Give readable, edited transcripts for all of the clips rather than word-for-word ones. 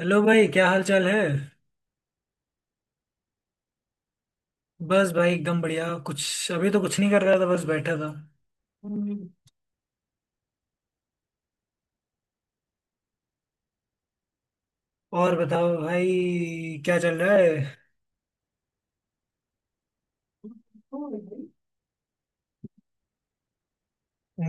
Hello भाई, क्या हाल चाल है। बस भाई, एकदम बढ़िया। कुछ अभी तो कुछ नहीं कर रहा था, बस बैठा था। हम्म। और बताओ भाई, क्या चल रहा है।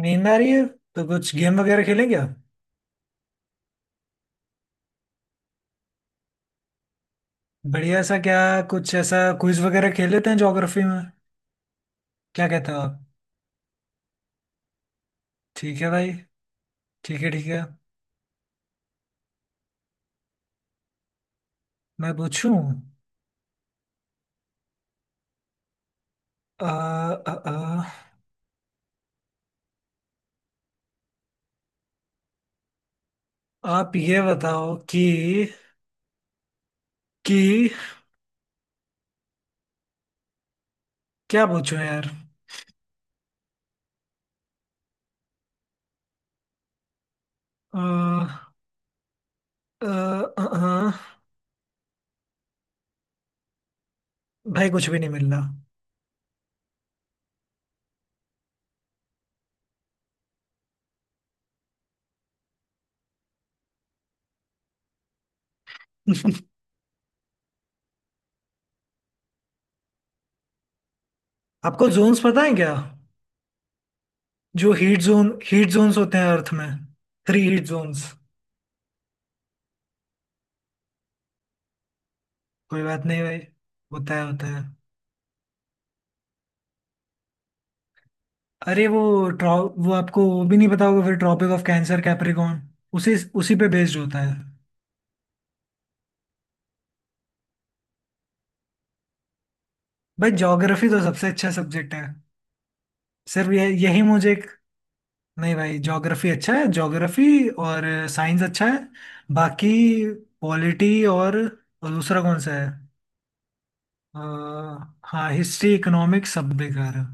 नींद आ रही है तो कुछ गेम वगैरह खेलें क्या। बढ़िया सा क्या? कुछ ऐसा क्विज वगैरह खेल लेते हैं ज्योग्राफी में, क्या कहते हो आप। ठीक है भाई, ठीक है ठीक है। मैं पूछूं? आ, आ, आ, आप ये बताओ कि कि क्या पूछूं यार। आ, आ, आ, आ, भाई कुछ भी नहीं मिल रहा। आपको जोन्स पता है क्या? जो हीट जोन, हीट जोन्स होते हैं अर्थ में, थ्री हीट जोन्स। कोई बात नहीं भाई, होता है होता है। अरे वो, ट्रॉ वो, आपको वो भी नहीं पता होगा फिर। ट्रॉपिक ऑफ कैंसर कैप्रिकॉर्न, उसी उसी पे बेस्ड होता है। भाई ज्योग्राफी तो सबसे अच्छा सब्जेक्ट है। सिर्फ ये, यही मुझे एक। नहीं भाई, ज्योग्राफी अच्छा है ज्योग्राफी, और साइंस अच्छा है। बाकी पॉलिटी और दूसरा कौन सा है। अ, हाँ, हिस्ट्री, इकोनॉमिक्स सब बेकार है।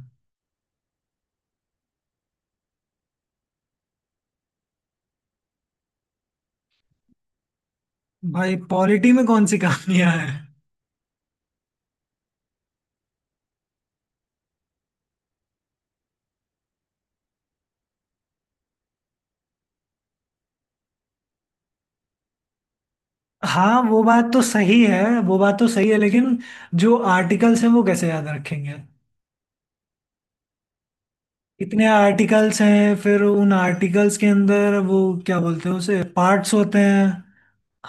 भाई पॉलिटी में कौन सी कहानियां हैं। हाँ वो बात तो सही है वो बात तो सही है, लेकिन जो आर्टिकल्स हैं वो कैसे याद रखेंगे। इतने आर्टिकल्स हैं, फिर उन आर्टिकल्स के अंदर वो क्या बोलते हैं उसे, पार्ट्स होते हैं।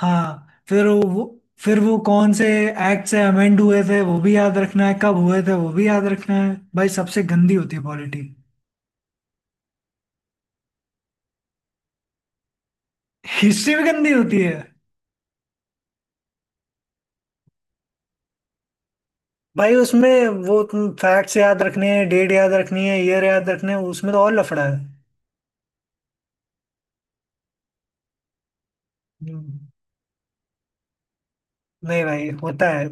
हाँ, फिर वो, कौन से एक्ट से अमेंड हुए थे वो भी याद रखना है, कब हुए थे वो भी याद रखना है। भाई सबसे गंदी होती है पॉलिटी। हिस्ट्री भी गंदी होती है। भाई उसमें वो, तुम फैक्ट्स याद रखने हैं, डेट याद रखनी है, ईयर याद रखने हैं, उसमें तो और लफड़ा है। हम्म, नहीं भाई, होता है।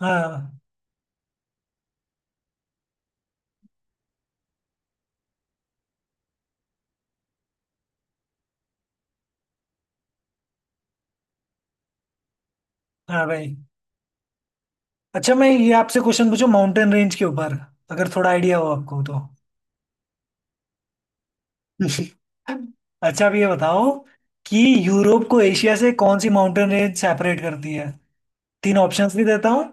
हाँ। हाँ भाई। अच्छा मैं ये आपसे क्वेश्चन पूछूं माउंटेन रेंज के ऊपर, अगर थोड़ा आइडिया हो आपको तो। अच्छा अब ये बताओ कि यूरोप को एशिया से कौन सी माउंटेन रेंज सेपरेट करती है। तीन ऑप्शंस भी देता हूँ।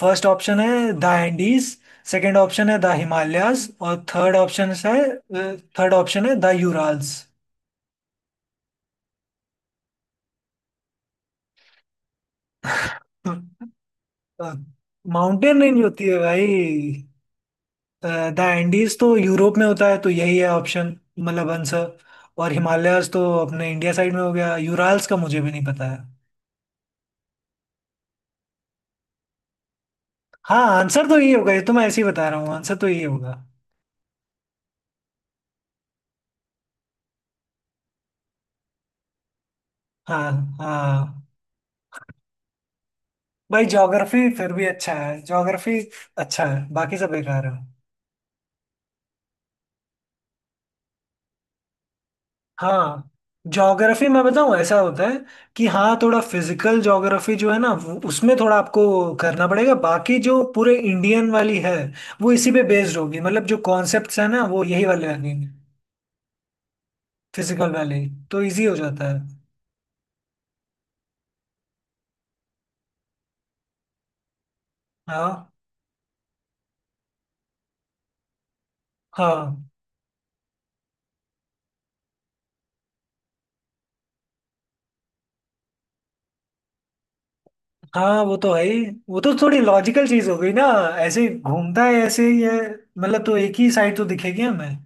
फर्स्ट ऑप्शन है द एंडीज, सेकंड ऑप्शन है द हिमालयाज, और थर्ड ऑप्शन है, थर्ड ऑप्शन है द यूराल्स। माउंटेन रेंज होती है भाई। द एंडीज तो यूरोप में होता है, तो यही है ऑप्शन, मतलब आंसर। और हिमालयाज तो अपने इंडिया साइड में हो गया, यूराल्स का मुझे भी नहीं पता है। हाँ आंसर तो यही होगा, ये तो मैं ऐसे ही बता रहा हूँ, आंसर तो यही होगा। हाँ। हाँ भाई, ज्योग्राफी फिर भी अच्छा है ज्योग्राफी। अच्छा है, बाकी सब बेकार है। हाँ। ज्योग्राफी मैं बताऊँ ऐसा होता है कि हाँ, थोड़ा फिजिकल ज्योग्राफी जो है ना उसमें थोड़ा आपको करना पड़ेगा, बाकी जो पूरे इंडियन वाली है वो इसी पे बेस्ड होगी, मतलब जो कॉन्सेप्ट्स है ना वो यही वाले लगेंगे, फिजिकल वाले ही। तो इजी हो जाता है। हाँ। हाँ। हाँ वो तो है ही, वो तो थोड़ी लॉजिकल चीज हो गई ना। ऐसे ही घूमता है, ऐसे ही है, मतलब तो एक ही साइड तो दिखेगी हमें।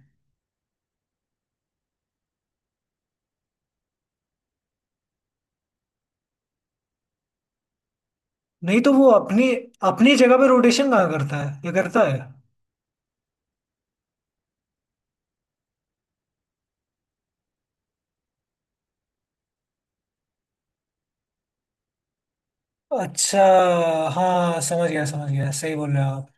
नहीं तो वो अपनी, अपनी जगह पे रोटेशन कहाँ करता है, ये करता है। अच्छा, हाँ समझ गया समझ गया, सही बोल रहे हो आप।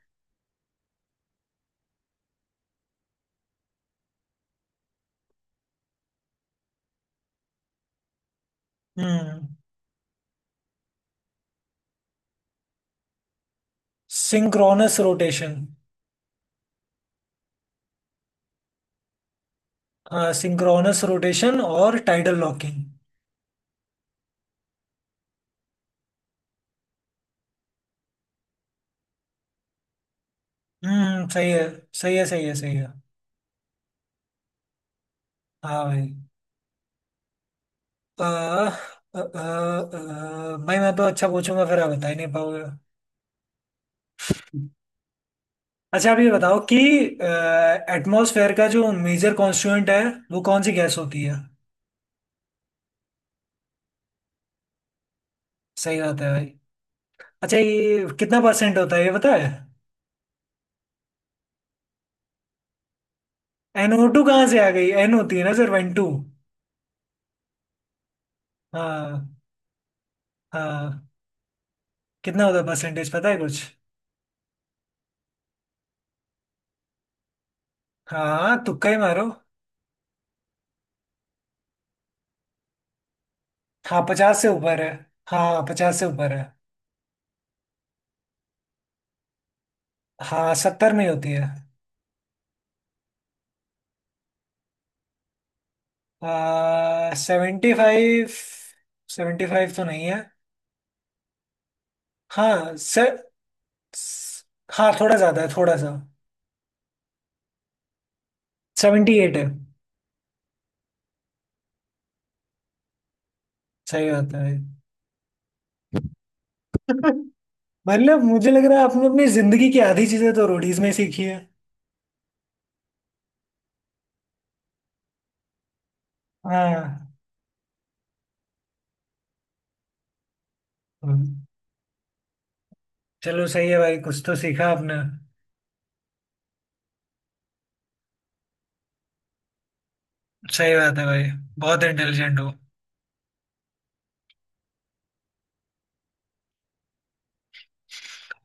हम्म सिंक्रोनस रोटेशन। हाँ, सिंक्रोनस रोटेशन और टाइडल लॉकिंग। सही है सही है सही है सही है। हाँ भाई। आ, आ, आ, आ, भाई मैं तो अच्छा पूछूंगा, फिर आप बता ही नहीं पाओगे। अच्छा आप ये बताओ कि एटमॉस्फेयर का जो मेजर कॉन्स्टिट्यूएंट है वो कौन सी गैस होती है। सही बात है भाई। अच्छा ये कितना परसेंट होता है ये पता है। एनओ टू कहाँ से आ गई, एन होती है ना, सिर्फ एन टू। हाँ। हाँ, कितना होता है परसेंटेज, पता है कुछ। हाँ तुक्का ही मारो। हाँ 50 से ऊपर है, हाँ 50 से ऊपर है। हाँ 70 में ही होती है। 75, 75 तो नहीं है। हाँ से, स- हाँ थोड़ा ज्यादा है थोड़ा सा। 78 है। सही बात है। मतलब मुझे लग रहा है आपने अपनी जिंदगी की आधी चीजें तो रोडीज में सीखी है। हाँ। हम्म, चलो सही है भाई, कुछ तो सीखा आपने। सही बात है भाई, बहुत इंटेलिजेंट हो।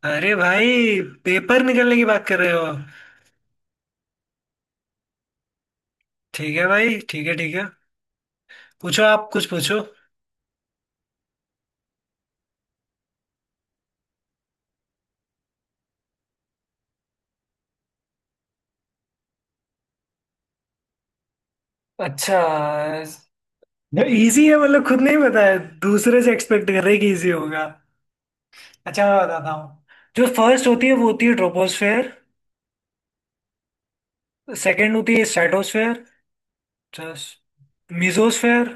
अरे भाई पेपर निकलने की बात कर रहे हो आप। ठीक है भाई, ठीक है ठीक है, पूछो आप कुछ पूछो। अच्छा। इजी है मतलब खुद नहीं पता है, दूसरे से एक्सपेक्ट कर रहे हैं कि इजी होगा। अच्छा मैं बताता हूँ। जो फर्स्ट होती है वो होती है ट्रोपोस्फेयर, सेकंड होती है स्ट्रेटोस्फेयर, मिजोस्फेयर,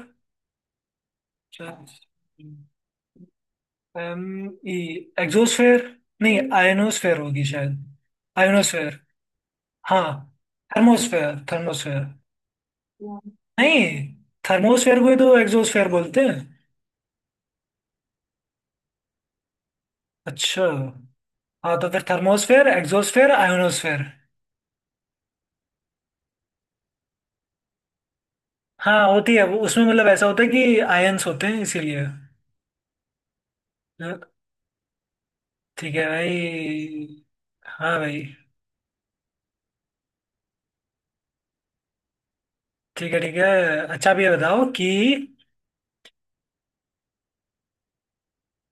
एक्सोस्फेयर, नहीं आयोनोस्फेयर होगी शायद। आयोनोस्फेयर। हाँ। Thermosphere thermosphere. नहीं, थर्मोस्फेयर को ही तो एग्जोस्फेयर बोलते हैं। अच्छा। हाँ, तो फिर थर्मोस्फेयर एग्जोस्फेयर आयोनोस्फेयर। हाँ, होती है वो उसमें, मतलब ऐसा होता है कि आयन्स होते हैं इसीलिए तो। ठीक है भाई। हाँ भाई। ठीक है ठीक है। अच्छा अब ये बताओ कि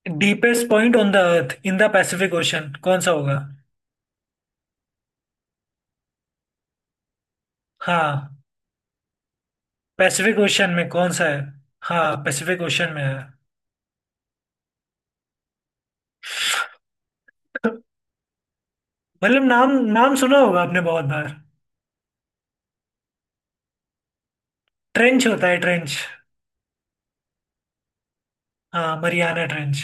deepest point on the earth in the Pacific Ocean कौन सा होगा। हाँ, पैसिफिक ओशन में कौन सा है। हाँ, पैसिफिक ओशन में है, मतलब नाम, नाम सुना होगा आपने बहुत बार। ट्रेंच होता है ट्रेंच। हाँ, मरियाना ट्रेंच।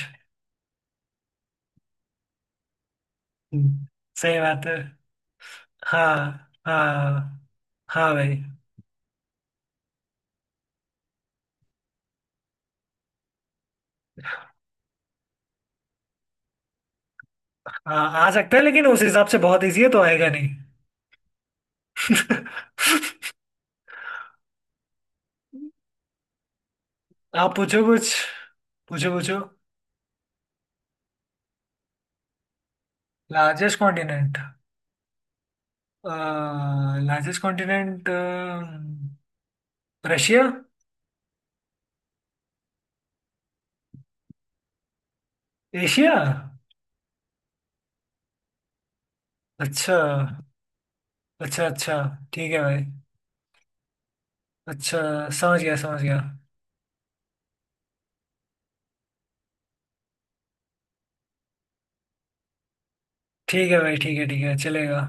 हम्म, सही बात है। हाँ हाँ। हाँ भाई। हाँ आ सकता है लेकिन उस हिसाब से बहुत इजी है तो आएगा नहीं। आप पूछो कुछ, पूछो पूछो। Largest continent, largest continent, Russia. Asia. अच्छा अच्छा अच्छा। ठीक है भाई। अच्छा, समझ गया समझ गया। ठीक है भाई, ठीक है ठीक है, चलेगा।